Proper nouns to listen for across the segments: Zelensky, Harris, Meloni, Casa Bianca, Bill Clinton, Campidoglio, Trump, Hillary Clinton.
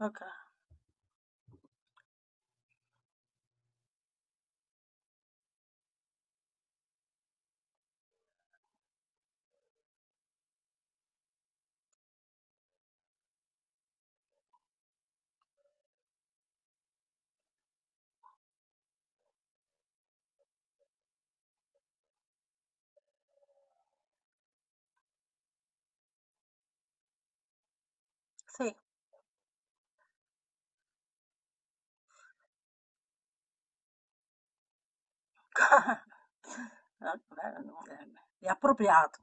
Okay, sì. No, vabbè, è appropriato.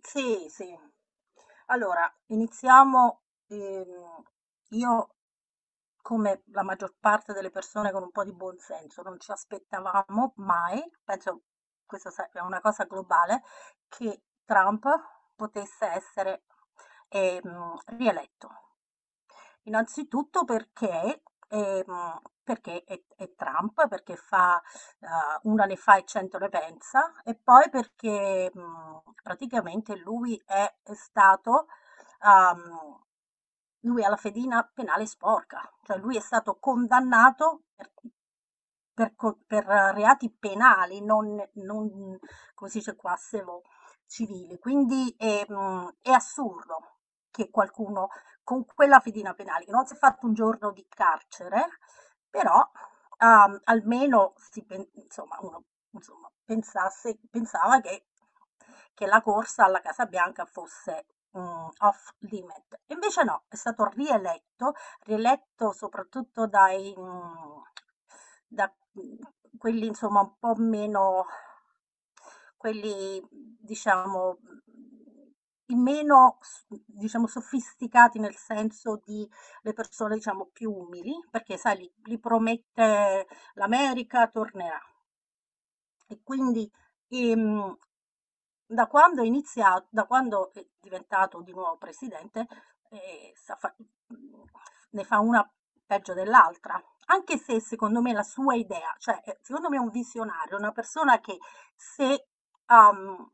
Sì, sì. Allora, iniziamo. ehm, io, come la maggior parte delle persone con un po' di buon senso, non ci aspettavamo mai, penso, questa sa è una cosa globale, che Trump potesse essere, rieletto. Innanzitutto perché è Trump, perché fa, una ne fa e 100 ne pensa. E poi perché, praticamente uhm, lui ha la fedina penale sporca, cioè lui è stato condannato per reati penali, non come si dice qua, se lo- civili. Quindi, è assurdo che qualcuno con quella fedina penale, che non si è fatto un giorno di carcere, però, almeno insomma, uno, insomma, pensava che la corsa alla Casa Bianca fosse, off limit. Invece no, è stato rieletto soprattutto da quelli insomma un po' meno quelli diciamo, i meno, s diciamo, sofisticati, nel senso di, le persone diciamo più umili, perché sai, li promette: l'America tornerà. E quindi, ehm, da quando è iniziato, da quando è diventato di nuovo presidente, eh, sa fa- mm, ne fa una peggio dell'altra. Anche se secondo me la sua idea, cioè, secondo me è un visionario, una persona che, se, um,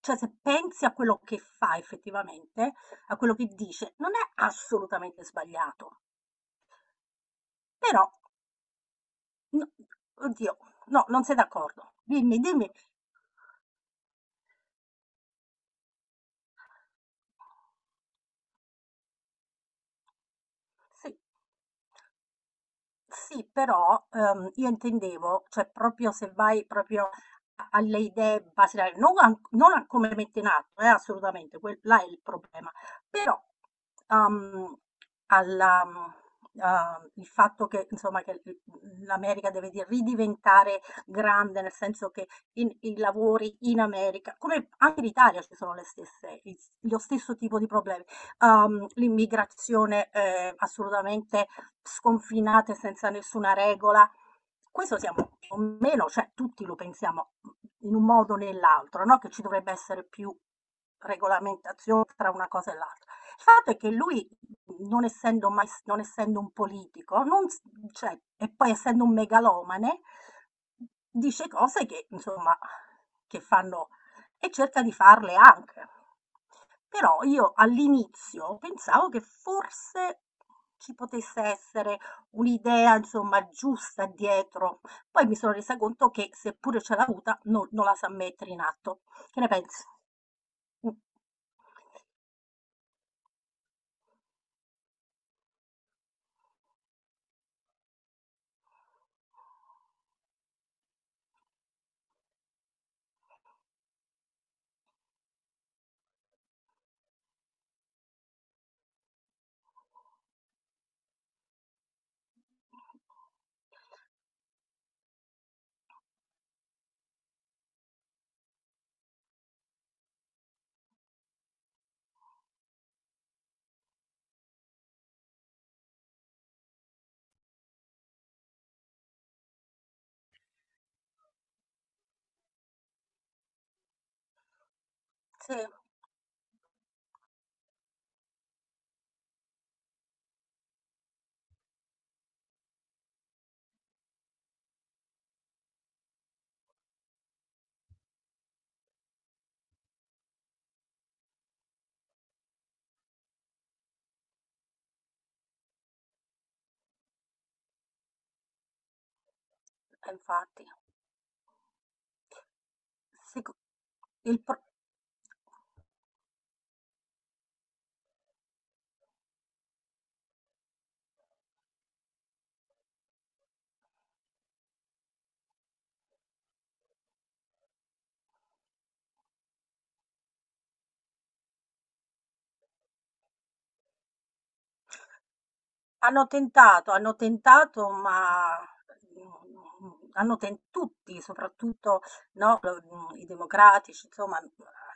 cioè, se pensi a quello che fa effettivamente, a quello che dice, non è assolutamente sbagliato. Però, no, oddio, no, non sei d'accordo. Dimmi, dimmi. Sì. Sì, però, io intendevo, cioè proprio se vai proprio a alle idee basilari, non a come le mette in atto. Eh, assolutamente, quel là è il problema. Però, uhm, alla mhmm, il fatto che, insomma, che l l l'America deve di ridiventare grande, nel senso che, in i lavori in America, come anche in Italia, ci sono le stesse i s lo stesso tipo di problemi. L'immigrazione, assolutamente sconfinate, senza nessuna regola. Questo siamo più o meno, cioè tutti lo pensiamo in un modo o nell'altro, no? Che ci dovrebbe essere più regolamentazione tra una cosa e l'altra. Il fatto è che lui, non essendo, mai, non essendo un politico, non, cioè, e poi essendo un megalomane, dice cose insomma, che fanno, e cerca di farle anche. Però io all'inizio pensavo che forse ci potesse essere un'idea, insomma, giusta dietro. Poi mi sono resa conto che, seppure ce l'ha avuta, non la sa mettere in atto. Che ne pensi? Mm. Sì, infatti. Seco- il pro- hanno tentato, ma, mhmm, hanno ten tutti, soprattutto, no, i democratici, insomma, han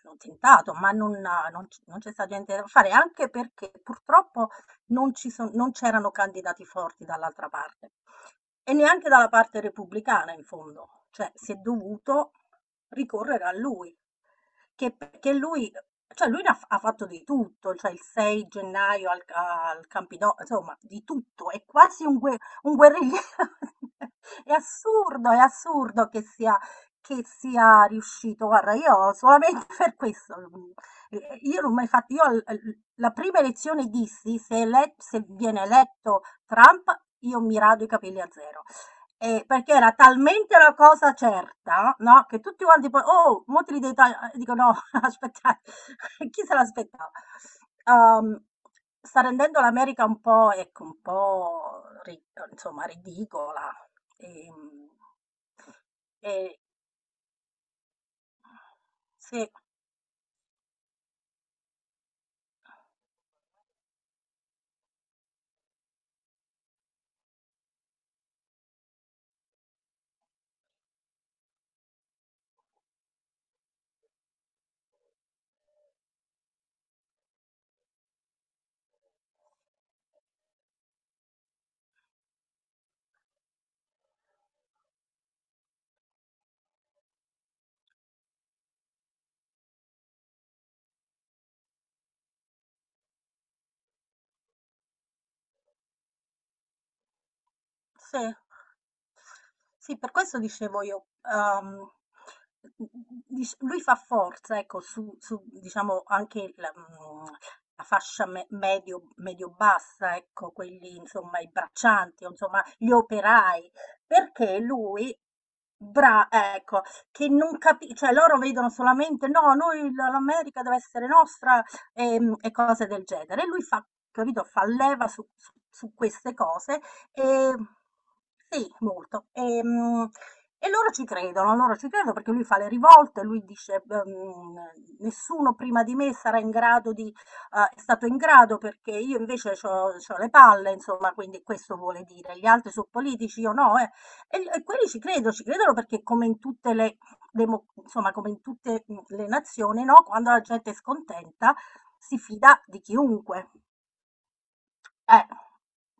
hanno tentato, ma non c'è stato niente da fare, anche perché purtroppo non ci son non c'erano candidati forti dall'altra parte. E neanche dalla parte repubblicana, in fondo, cioè si è dovuto ricorrere a lui. Che lui ne ha fatto di tutto, cioè il 6 gennaio al ca al Campido, insomma, di tutto, è quasi un guerrigliero. È assurdo che sia riuscito. Guarda, io solamente, per questo, io non ho mai fat io al l la prima elezione dissi: "Se ele se viene eletto Trump, io mi rado i capelli a zero". E perché era talmente una cosa certa, no, che tutti quanti poi: "Oh, mo' te li devi taglia", e dico: "No, aspettate, chi se l'aspettava?" Uhm, sta rendendo l'America un po', ecco, un po', ri insomma, ridicola, ehm, e sì. Sì. Sì, per questo dicevo io, dic lui fa forza, ecco, su diciamo anche la fascia me medio medio-bassa, ecco, quelli, insomma, i braccianti o, insomma, gli operai, perché lui, bra ecco, che non capi cioè loro vedono solamente: "No, noi l'America deve essere nostra", e cose del genere. E lui fa, capito, fa leva su queste cose, e sì, molto. E loro ci credono perché lui fa le rivolte, lui dice, nessuno prima di me sarà in grado di, è stato in grado perché io invece ho le palle, insomma, quindi questo vuole dire, gli altri sono politici, io no, eh. E quelli ci credono perché, come in tutte le, insomma, come in tutte le nazioni, no? Quando la gente è scontenta si fida di chiunque. Eh,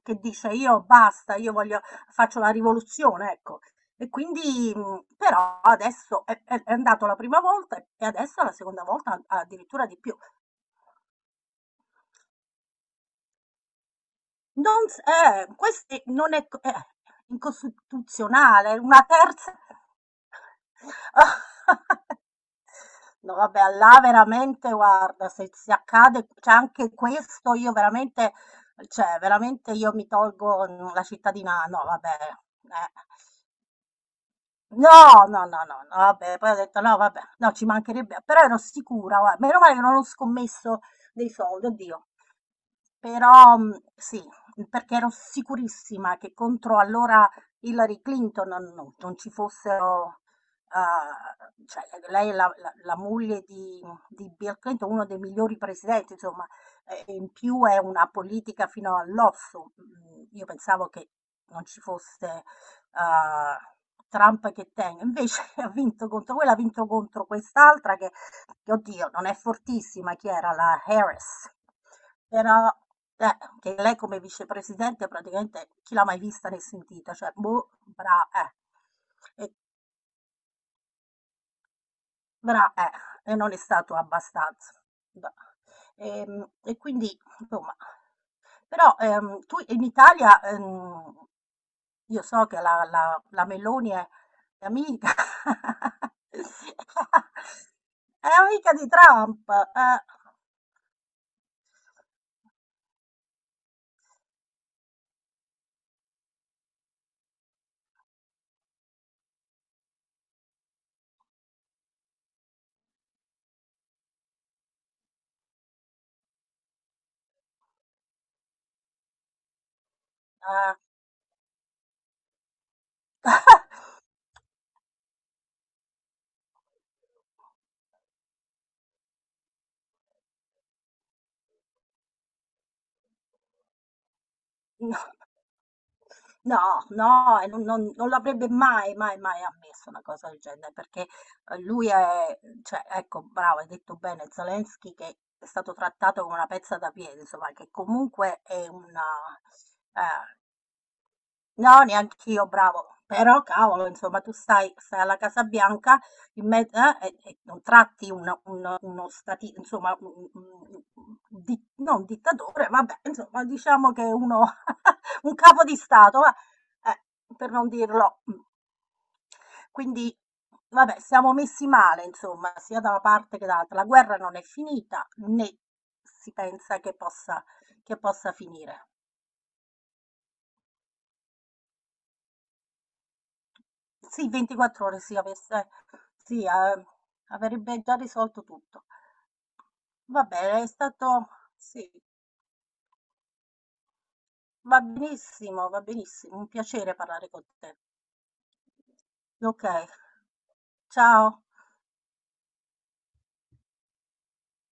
che dice: "Io basta, io voglio faccio la rivoluzione", ecco. E quindi, però adesso è andato la prima volta, e adesso è la seconda volta, a addirittura di più. Non s eh, questi, non è c incostituzionale, una terza. No, vabbè, ah là, veramente, guarda, se accade c'è anche questo, io veramente, cioè veramente, io mi tolgo, la cittadina, no vabbè, eh. No, no, no, no, no, vabbè, poi ho detto: "No, vabbè, no, ci mancherebbe". Però ero sicura, guarda, meno male che non ho scommesso dei soldi, oddio. Però, sì, perché ero sicurissima che contro, allora, Hillary Clinton non ci fossero, cioè lei è la moglie di Bill Clinton, uno dei migliori presidenti, insomma, e in più è una politica fino all'osso. Mhmm, io pensavo che non ci fosse, uhm, Trump che tenga. Invece ha vinto contro quella, ha vinto contro quest'altra che, oddio, non è fortissima. Chi era? La Harris. Però, che lei, come vicepresidente, praticamente chi l'ha mai vista né sentita, cioè, boh, eh. E, bra, eh, e non è stato abbastanza. Boh. E quindi, insomma, però, tu in Italia, io so che la Meloni è amica, è amica di Trump, eh. Eh, no, no, no, e non l'avrebbe mai, mai, mai ammesso una cosa del genere, perché, lui è, cioè, ecco, bravo, hai detto bene, Zelensky che è stato trattato come una pezza da piede, insomma, che comunque è una, eh, no, neanch'io, bravo. Però cavolo, insomma, tu stai, alla Casa Bianca in me- e non tratti uno insomma, no, un dittatore, vabbè, insomma, diciamo che uno, un capo di Stato, va, eh, per non dirlo. Quindi, vabbè, siamo messi male, insomma, sia da una parte che dall'altra. La guerra non è finita, né si pensa che possa finire. Sì, 24 ore, sì, sì, ehm, avrebbe già risolto tutto. Vabbè, è stato sì, va benissimo, un piacere parlare con te. Okay. Ciao.